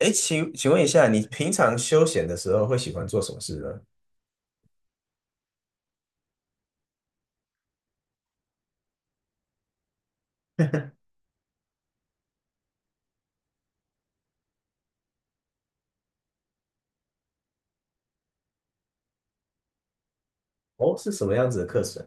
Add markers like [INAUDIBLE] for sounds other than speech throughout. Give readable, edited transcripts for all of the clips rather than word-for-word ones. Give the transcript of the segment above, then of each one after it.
哎，请问一下，你平常休闲的时候会喜欢做什么事呢？哦，是什么样子的课程？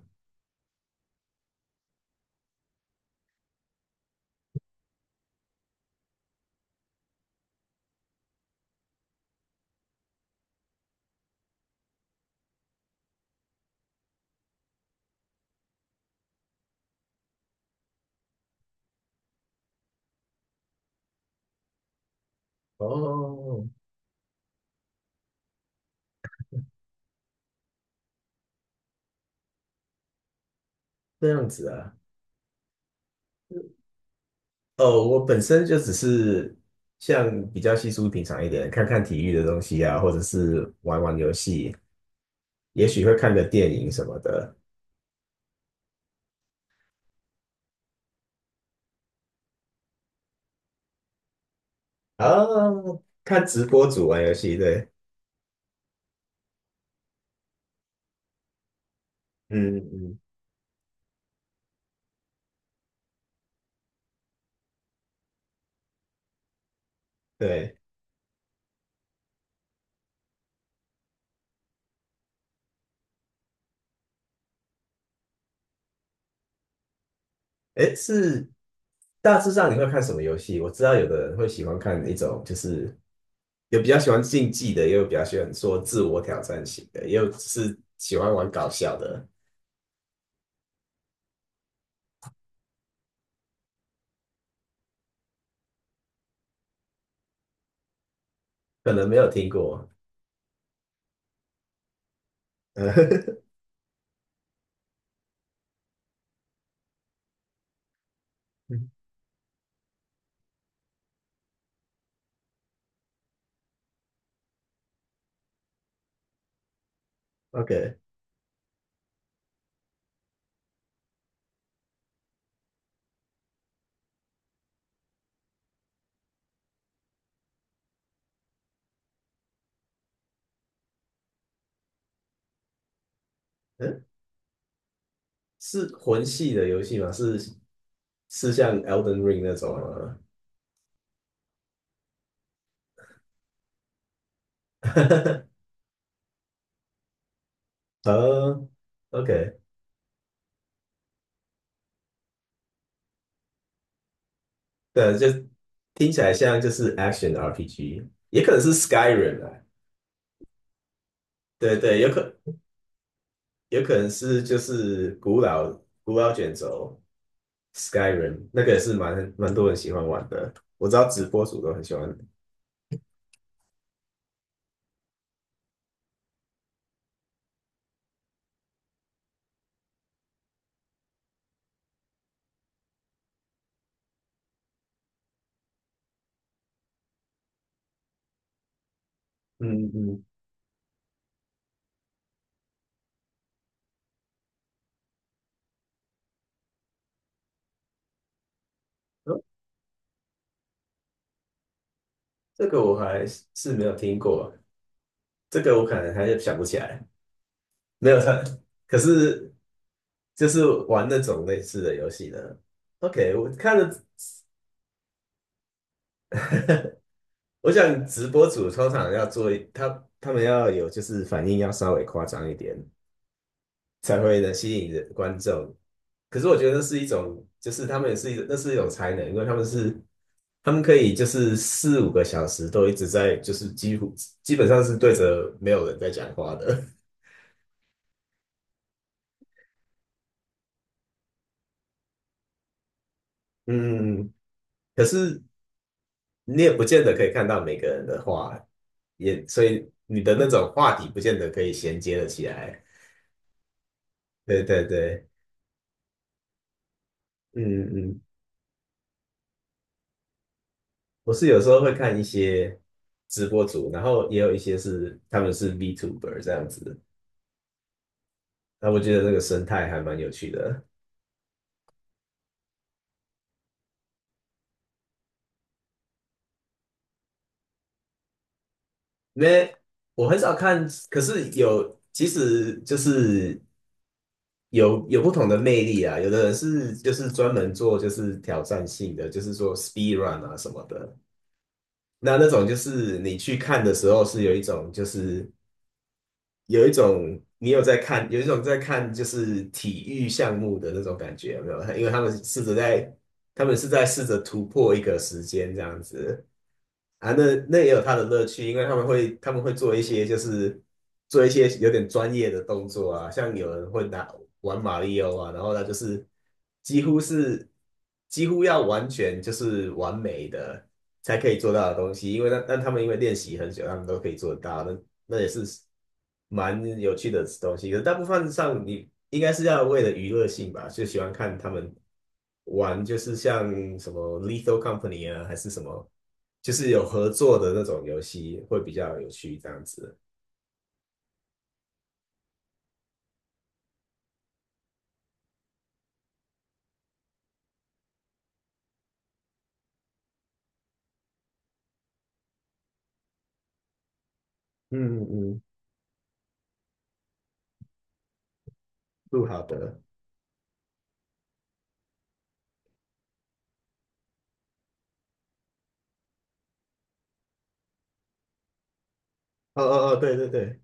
哦，这样子啊。哦，我本身就只是像比较稀疏平常一点，看看体育的东西啊，或者是玩玩游戏，也许会看个电影什么的。啊，看直播组玩游戏，对，嗯嗯，对。哎，是大致上你会看什么游戏？我知道有的人会喜欢看一种就是。有比较喜欢竞技的，也有比较喜欢说自我挑战型的，也有是喜欢玩搞笑的，可能没有听过。[LAUGHS] 嗯 OK，嗯，是魂系的游戏吗？是是像 Elden Ring 那种吗？[LAUGHS] 呃，OK，对，就听起来像就是 Action RPG，也可能是 Skyrim 啊，对对，有可能是就是古老卷轴，Skyrim 那个也是蛮多人喜欢玩的，我知道直播主都很喜欢。嗯嗯，哦，这个我还是没有听过，这个我可能还是想不起来。没有他，[LAUGHS] 可是就是玩那种类似的游戏的。OK，我看了 [LAUGHS] 我想直播主通常要做一，他们要有就是反应要稍微夸张一点，才会能吸引人观众。可是我觉得那是一种，就是他们也是一那是一种才能，因为他们可以就是4、5个小时都一直在就是几乎基本上是对着没有人在讲话的。[LAUGHS] 嗯，可是你也不见得可以看到每个人的话，也所以你的那种话题不见得可以衔接的起来。对对对，嗯嗯。我是有时候会看一些直播主，然后也有一些是他们是 VTuber 这样子，那我觉得那个生态还蛮有趣的。因为我很少看，可是有，其实就是有不同的魅力啊。有的人是就是专门做就是挑战性的，就是说 speed run 啊什么的。那种就是你去看的时候是有一种就是有一种你有在看，有一种在看就是体育项目的那种感觉，有没有？因为他们是在试着突破一个时间这样子。啊，那也有它的乐趣，因为他们会做一些有点专业的动作啊，像有人会拿玩马里奥啊，然后他就是几乎是几乎要完全就是完美的才可以做到的东西，因为但他们因为练习很久，他们都可以做得到，那也是蛮有趣的东西。可是大部分上你应该是要为了娱乐性吧，就喜欢看他们玩，就是像什么《Lethal Company》啊，还是什么。就是有合作的那种游戏会比较有趣，这样子。嗯嗯，录好的。哦哦哦，对对对，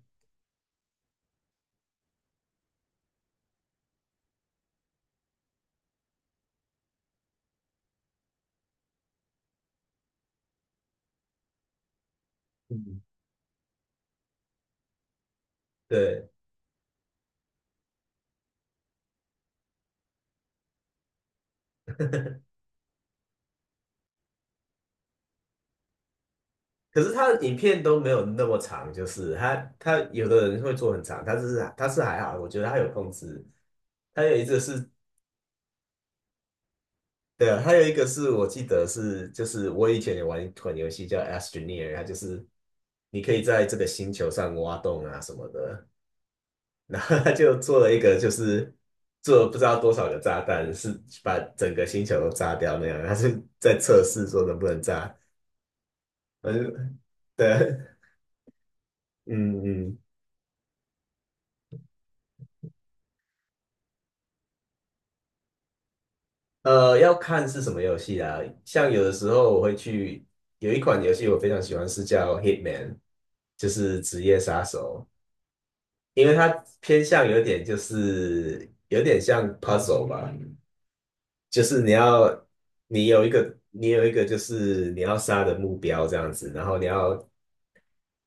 嗯，对。可是他的影片都没有那么长，就是他有的人会做很长，他是还好，我觉得他有控制。他有一个是，对还有一个是我记得是，就是我以前也玩一款游戏叫 Astroneer，它就是你可以在这个星球上挖洞啊什么的。然后他就做了一个，就是做了不知道多少个炸弹，是把整个星球都炸掉那样。他是在测试说能不能炸。嗯，对，嗯嗯，要看是什么游戏啊。像有的时候我会去，有一款游戏我非常喜欢，是叫 Hitman，就是职业杀手，因为它偏向有点像 puzzle 吧。就是你有一个就是你要杀的目标这样子，然后你要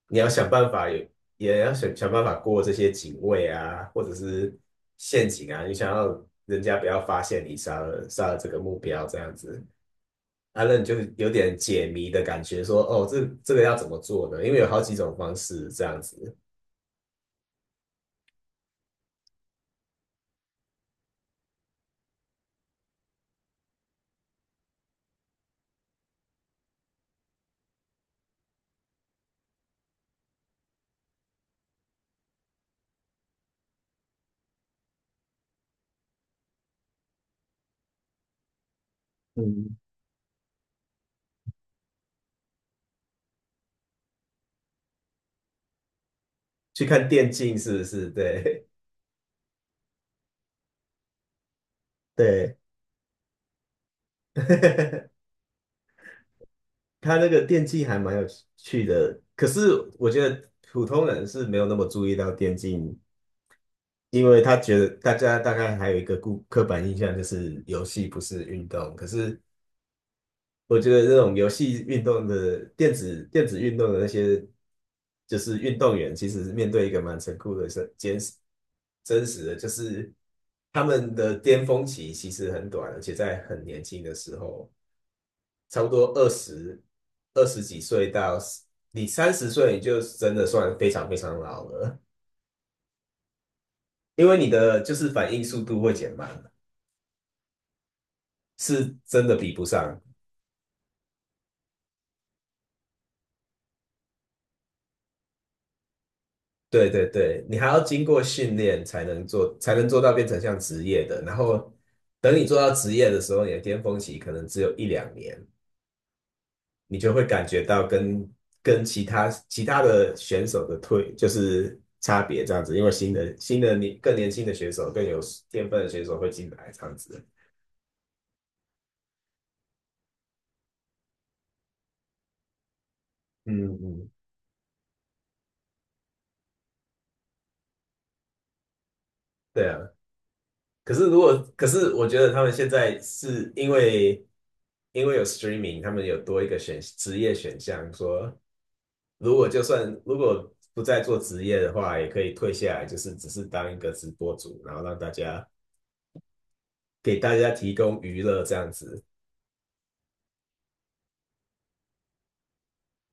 你要想办法有也要想想办法过这些警卫啊，或者是陷阱啊，你想要人家不要发现你杀了这个目标这样子。啊，那你就有点解谜的感觉说，哦，这个要怎么做呢？因为有好几种方式这样子。嗯，去看电竞是不是？对 [LAUGHS] 对，[LAUGHS] 他那个电竞还蛮有趣的，可是我觉得普通人是没有那么注意到电竞，因为他觉得大家大概还有一个刻板印象就是游戏不是运动，可是我觉得这种游戏运动的电子运动的那些就是运动员，其实面对一个蛮残酷的是真实的，就是他们的巅峰期其实很短，而且在很年轻的时候。差不多二十几岁到你30岁，你就真的算非常非常老了，因为你的就是反应速度会减慢，是真的比不上。对对对，你还要经过训练才能做到变成像职业的。然后等你做到职业的时候，你的巅峰期可能只有1、2年。你就会感觉到跟其他的选手的就是差别这样子，因为新的更年轻的选手更有天分的选手会进来这样子。嗯嗯，对啊。可是可是我觉得他们现在是因为有 streaming，他们有多一个职业选项，说就算如果不再做职业的话，也可以退下来，就是只是当一个直播主，然后让大家给大家提供娱乐这样子。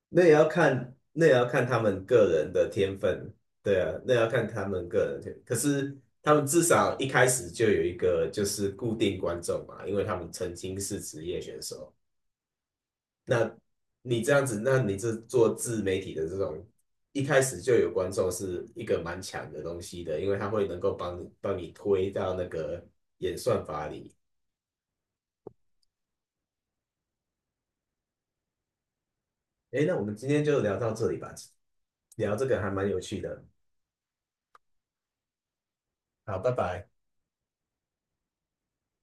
那也要看他们个人的天分，对啊，那也要看他们个人的天分可是他们至少一开始就有一个就是固定观众嘛，因为他们曾经是职业选手。那你这样子，那你这做自媒体的这种，一开始就有观众是一个蛮强的东西的，因为他会能够帮你推到那个演算法里。诶，那我们今天就聊到这里吧，聊这个还蛮有趣的。好，拜拜。